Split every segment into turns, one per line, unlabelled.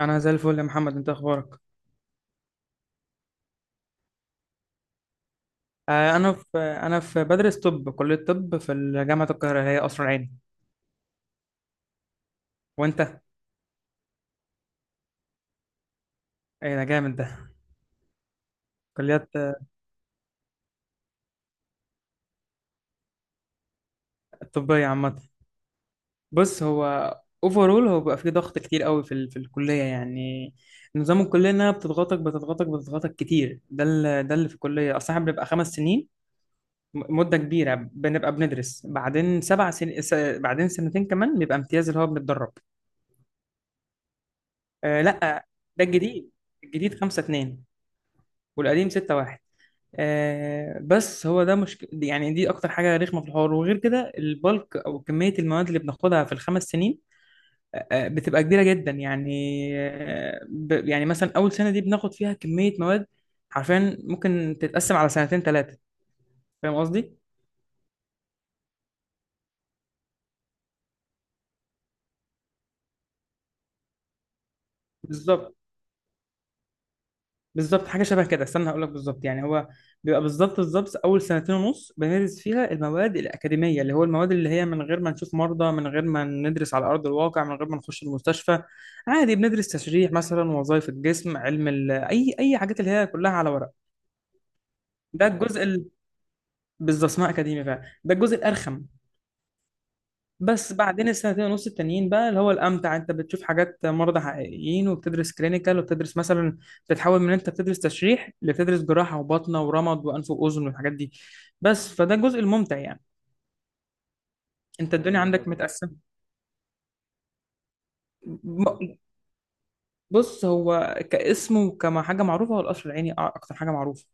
انا زي الفل يا محمد، انت اخبارك؟ انا في انا في بدرس طب، كليه طب في جامعه القاهره، هي قصر العيني. وانت؟ ايه ده، جامد ده. كليات طبيه عامه. بص، هو اوفرول هو بيبقى فيه ضغط كتير قوي في الكليه يعني. نظام الكليه انها بتضغطك بتضغطك بتضغطك كتير. ده اللي في الكليه اصلا. إحنا بنبقى 5 سنين، مده كبيره بنبقى بندرس، بعدين 7 سنين، بعدين سنتين كمان بيبقى امتياز اللي هو بنتدرب. آه لا، ده الجديد. الجديد خمسة اتنين، والقديم 6 1. آه، بس هو ده مشكلة يعني، دي أكتر حاجة رخمة في الحوار. وغير كده البلك أو كمية المواد اللي بناخدها في الخمس سنين بتبقى كبيرة جدا يعني. آه ب يعني مثلا أول سنة دي بناخد فيها كمية مواد حرفيا ممكن تتقسم على سنتين ثلاثة. فاهم قصدي؟ بالظبط. بالظبط حاجه شبه كده. استنى هقول لك بالظبط. يعني هو بيبقى بالظبط بالظبط اول سنتين ونص بندرس فيها المواد الاكاديميه، اللي هو المواد اللي هي من غير ما نشوف مرضى، من غير ما ندرس على ارض الواقع، من غير ما نخش المستشفى. عادي بندرس تشريح مثلا، وظائف الجسم، اي حاجات اللي هي كلها على ورق. ده الجزء ال... بالظبط اسمها اكاديمي فعلا، ده الجزء الارخم. بس بعدين السنتين ونص التانيين بقى اللي هو الامتع، انت بتشوف حاجات، مرضى حقيقيين، وبتدرس كلينيكال، وبتدرس مثلا، بتتحول من انت بتدرس تشريح لبتدرس جراحه وباطنه ورمد وانف واذن والحاجات دي. بس فده الجزء الممتع يعني. انت الدنيا عندك متقسمه. م- بص، هو كاسم وكما حاجه معروفه، هو القصر العيني اكتر حاجه معروفه.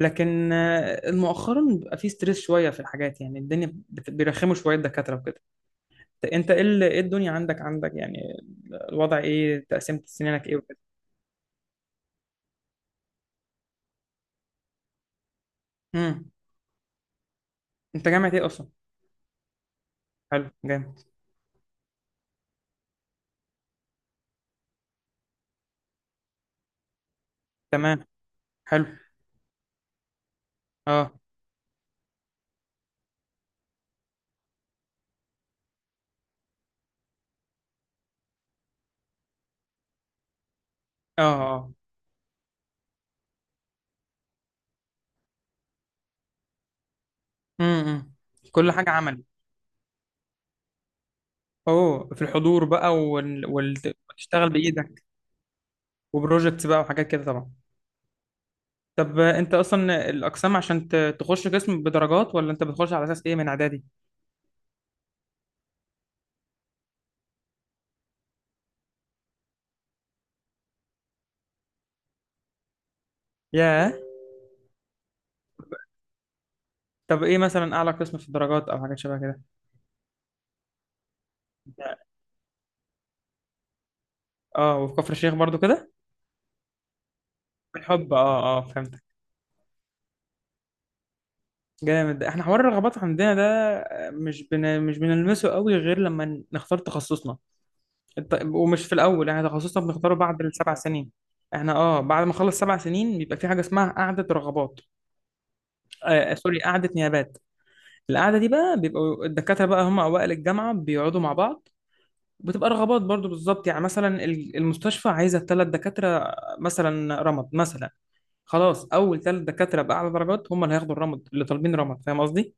لكن مؤخرا بيبقى فيه ستريس شويه في الحاجات، يعني الدنيا بيرخموا شويه الدكاتره وكده. انت ايه إيه الدنيا عندك يعني، الوضع ايه، تقسيمة سنينك ايه وكده؟ امم. انت جامعة ايه اصلا؟ حلو، جامد. تمام. حلو. اه. اه. اه. امم. كل حاجة عملي. اوه، في الحضور بقى وتشتغل بايدك، وبروجكتس بقى وحاجات كده طبعا. طب انت اصلا الاقسام عشان تخش قسم بدرجات، ولا انت بتخش على اساس ايه من اعدادي؟ ياه. طب ايه مثلا اعلى قسم في الدرجات او حاجات شبه كده؟ اه، وفي كفر الشيخ برضو كده؟ بالحب، اه اه، فهمتك. جامد، احنا حوار الرغبات عندنا ده مش بنلمسه قوي غير لما نختار تخصصنا. ومش في الاول، احنا تخصصنا بنختاره بعد السبع سنين. احنا اه بعد ما نخلص سبع سنين بيبقى في حاجه اسمها قعده رغبات. سوري، قعده نيابات. القعده دي بقى، بيبقوا الدكاتره بقى هم اوائل الجامعه بيقعدوا مع بعض، بتبقى رغبات برضو بالظبط. يعني مثلا المستشفى عايزه 3 دكاتره، مثلا رمد مثلا، خلاص اول ثلاث دكاتره باعلى درجات هم اللي هياخدوا الرمد اللي طالبين رمد. فاهم قصدي؟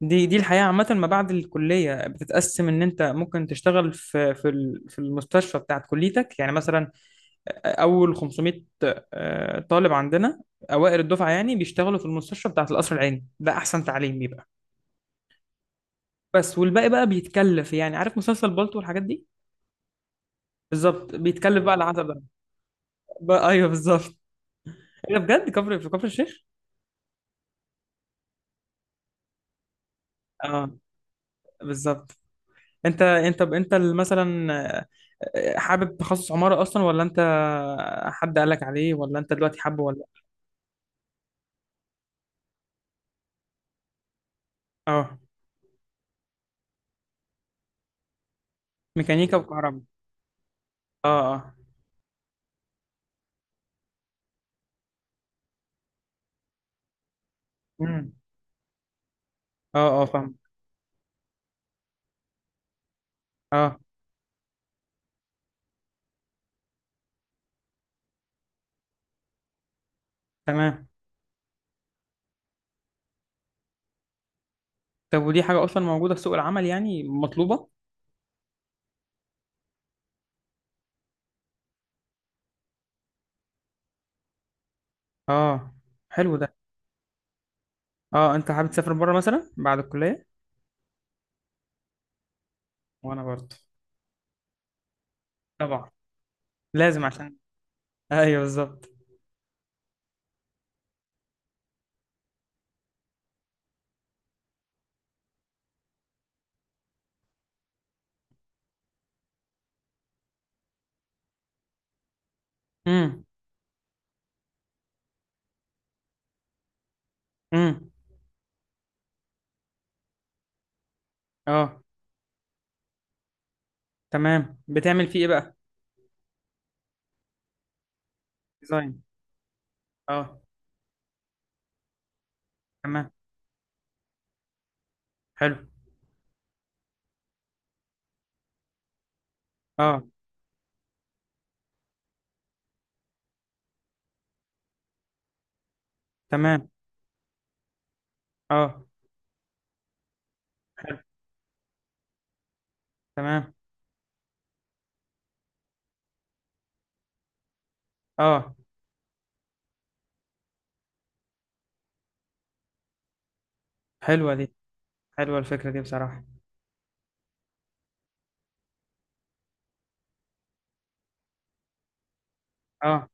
دي الحياه عامه ما بعد الكليه، بتتقسم ان انت ممكن تشتغل في المستشفى بتاعت كليتك. يعني مثلا اول 500 طالب عندنا، اوائل الدفعه يعني، بيشتغلوا في المستشفى بتاعه القصر العيني، ده احسن تعليم بيبقى. بس والباقي بقى بيتكلف، يعني عارف مسلسل بالطو والحاجات دي. بالظبط بيتكلف بقى على حسب ده. بقى ايوه، بالظبط. ايه ده بجد، في كفر الشيخ؟ اه، بالظبط. انت مثلا حابب تخصص عماره اصلا، ولا انت حد قالك عليه، ولا انت دلوقتي حابه، ولا؟ اه. ميكانيكا وكهرباء. اه اه. امم. اه اه، فاهم. اه، تمام. طب ودي حاجة أصلا موجودة في سوق العمل يعني، مطلوبة؟ اه، حلو ده. اه، أنت حابب تسافر بره مثلا بعد الكلية؟ وأنا برضه. طبعا. لازم عشان. أيوه، بالظبط. امم. امم. اه، تمام، بتعمل فيه إيه بقى؟ ديزاين. اه، تمام. حلو. اه، تمام. اه، حلو. تمام. اه، حلوة دي. حلوة الفكرة دي بصراحة. اه،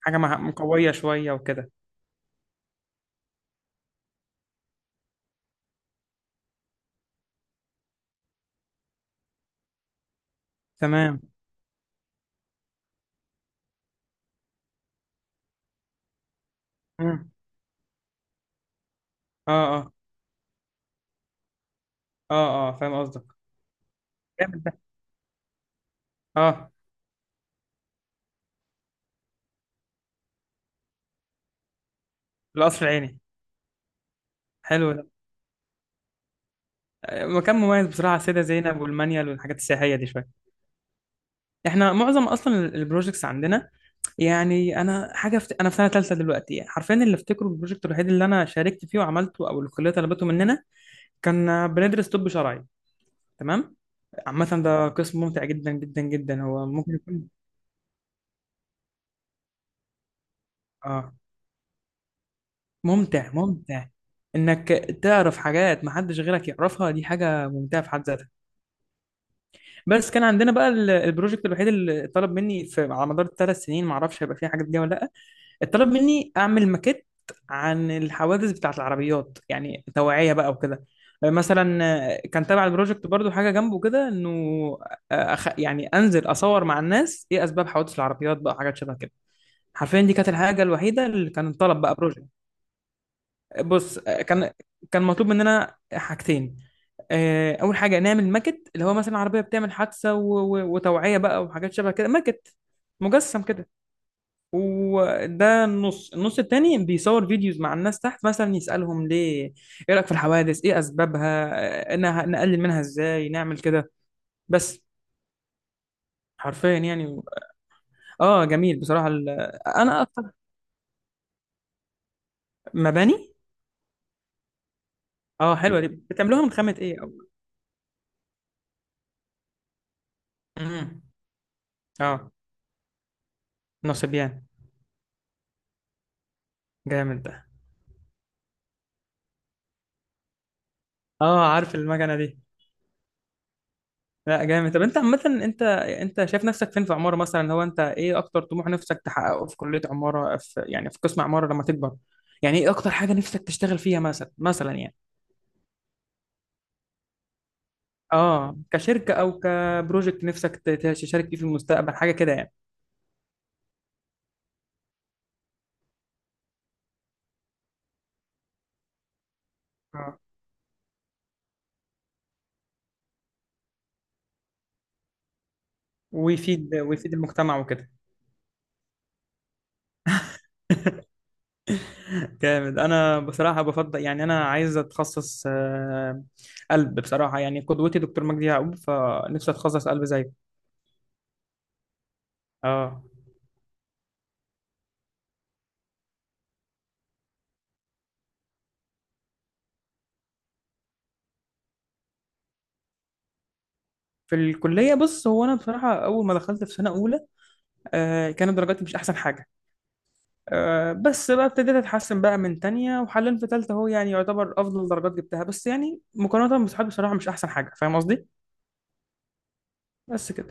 حاجة مقوية شوية وكده. تمام. امم. اه اه اه اه، فاهم قصدك. جامد ده. اه. القصر العيني حلو. مكان مميز بصراحه، على السيده زينب والمانيال والحاجات السياحيه دي شويه. احنا معظم اصلا البروجيكتس عندنا، يعني انا حاجه انا في سنه ثالثه دلوقتي. حرفيا اللي افتكره البروجكت الوحيد اللي انا شاركت فيه وعملته او الكليه طلبته مننا كان بندرس طب شرعي. تمام، عامه ده قسم ممتع جدا جدا جدا، هو ممكن يكون اه، ممتع ممتع انك تعرف حاجات ما حدش غيرك يعرفها، دي حاجه ممتعه في حد ذاتها. بس كان عندنا بقى البروجكت الوحيد اللي طلب مني في على مدار الثلاث سنين، ما اعرفش هيبقى فيه حاجه جديده ولا لا. اتطلب مني اعمل ماكيت عن الحوادث بتاعت العربيات، يعني توعية بقى وكده، مثلا. كان تابع البروجكت برضو حاجة جنبه كده، انه يعني انزل اصور مع الناس، ايه اسباب حوادث العربيات بقى، حاجات شبه كده. حرفيا دي كانت الحاجة الوحيدة اللي كان طلب بقى بروجكت. بص كان مطلوب مننا حاجتين. اول حاجة نعمل ماكت، اللي هو مثلا عربية بتعمل حادثة وتوعية بقى وحاجات شبه كده، ماكت مجسم كده. وده النص التاني بيصور فيديوز مع الناس تحت، مثلا يسألهم ليه ايه رأيك في الحوادث، ايه اسبابها، نقلل منها ازاي، نعمل كده. بس، حرفيا يعني. اه، جميل بصراحة انا اكتر، مباني. اه، حلوة دي، بتعملوها من خامة ايه او؟ مم. اه، نصبيان. جامد ده. اه، عارف المكنة دي. لا، جامد. طب انت عامة انت شايف نفسك فين في عمارة مثلا؟ هو انت ايه اكتر طموح نفسك تحققه في كلية عمارة، في يعني في قسم عمارة لما تكبر، يعني ايه اكتر حاجة نفسك تشتغل فيها مثلا يعني؟ اه، كشركة او كبروجكت نفسك تشارك فيه في المستقبل، حاجة كده يعني. اه، ويفيد المجتمع وكده. جامد، انا بصراحة بفضل يعني انا عايز اتخصص قلب بصراحة. يعني قدوتي دكتور مجدي يعقوب، فنفسي اتخصص قلب زيه. اه. في الكلية، بص هو أنا بصراحة أول ما دخلت في سنة أولى كانت درجاتي مش أحسن حاجة. آه، بس بقى ابتديت أتحسن بقى من تانية، وحاليا في تالتة أهو يعني يعتبر أفضل درجات جبتها. بس يعني مقارنة بصحابي بصراحة مش أحسن حاجة، فاهم قصدي؟ بس كده.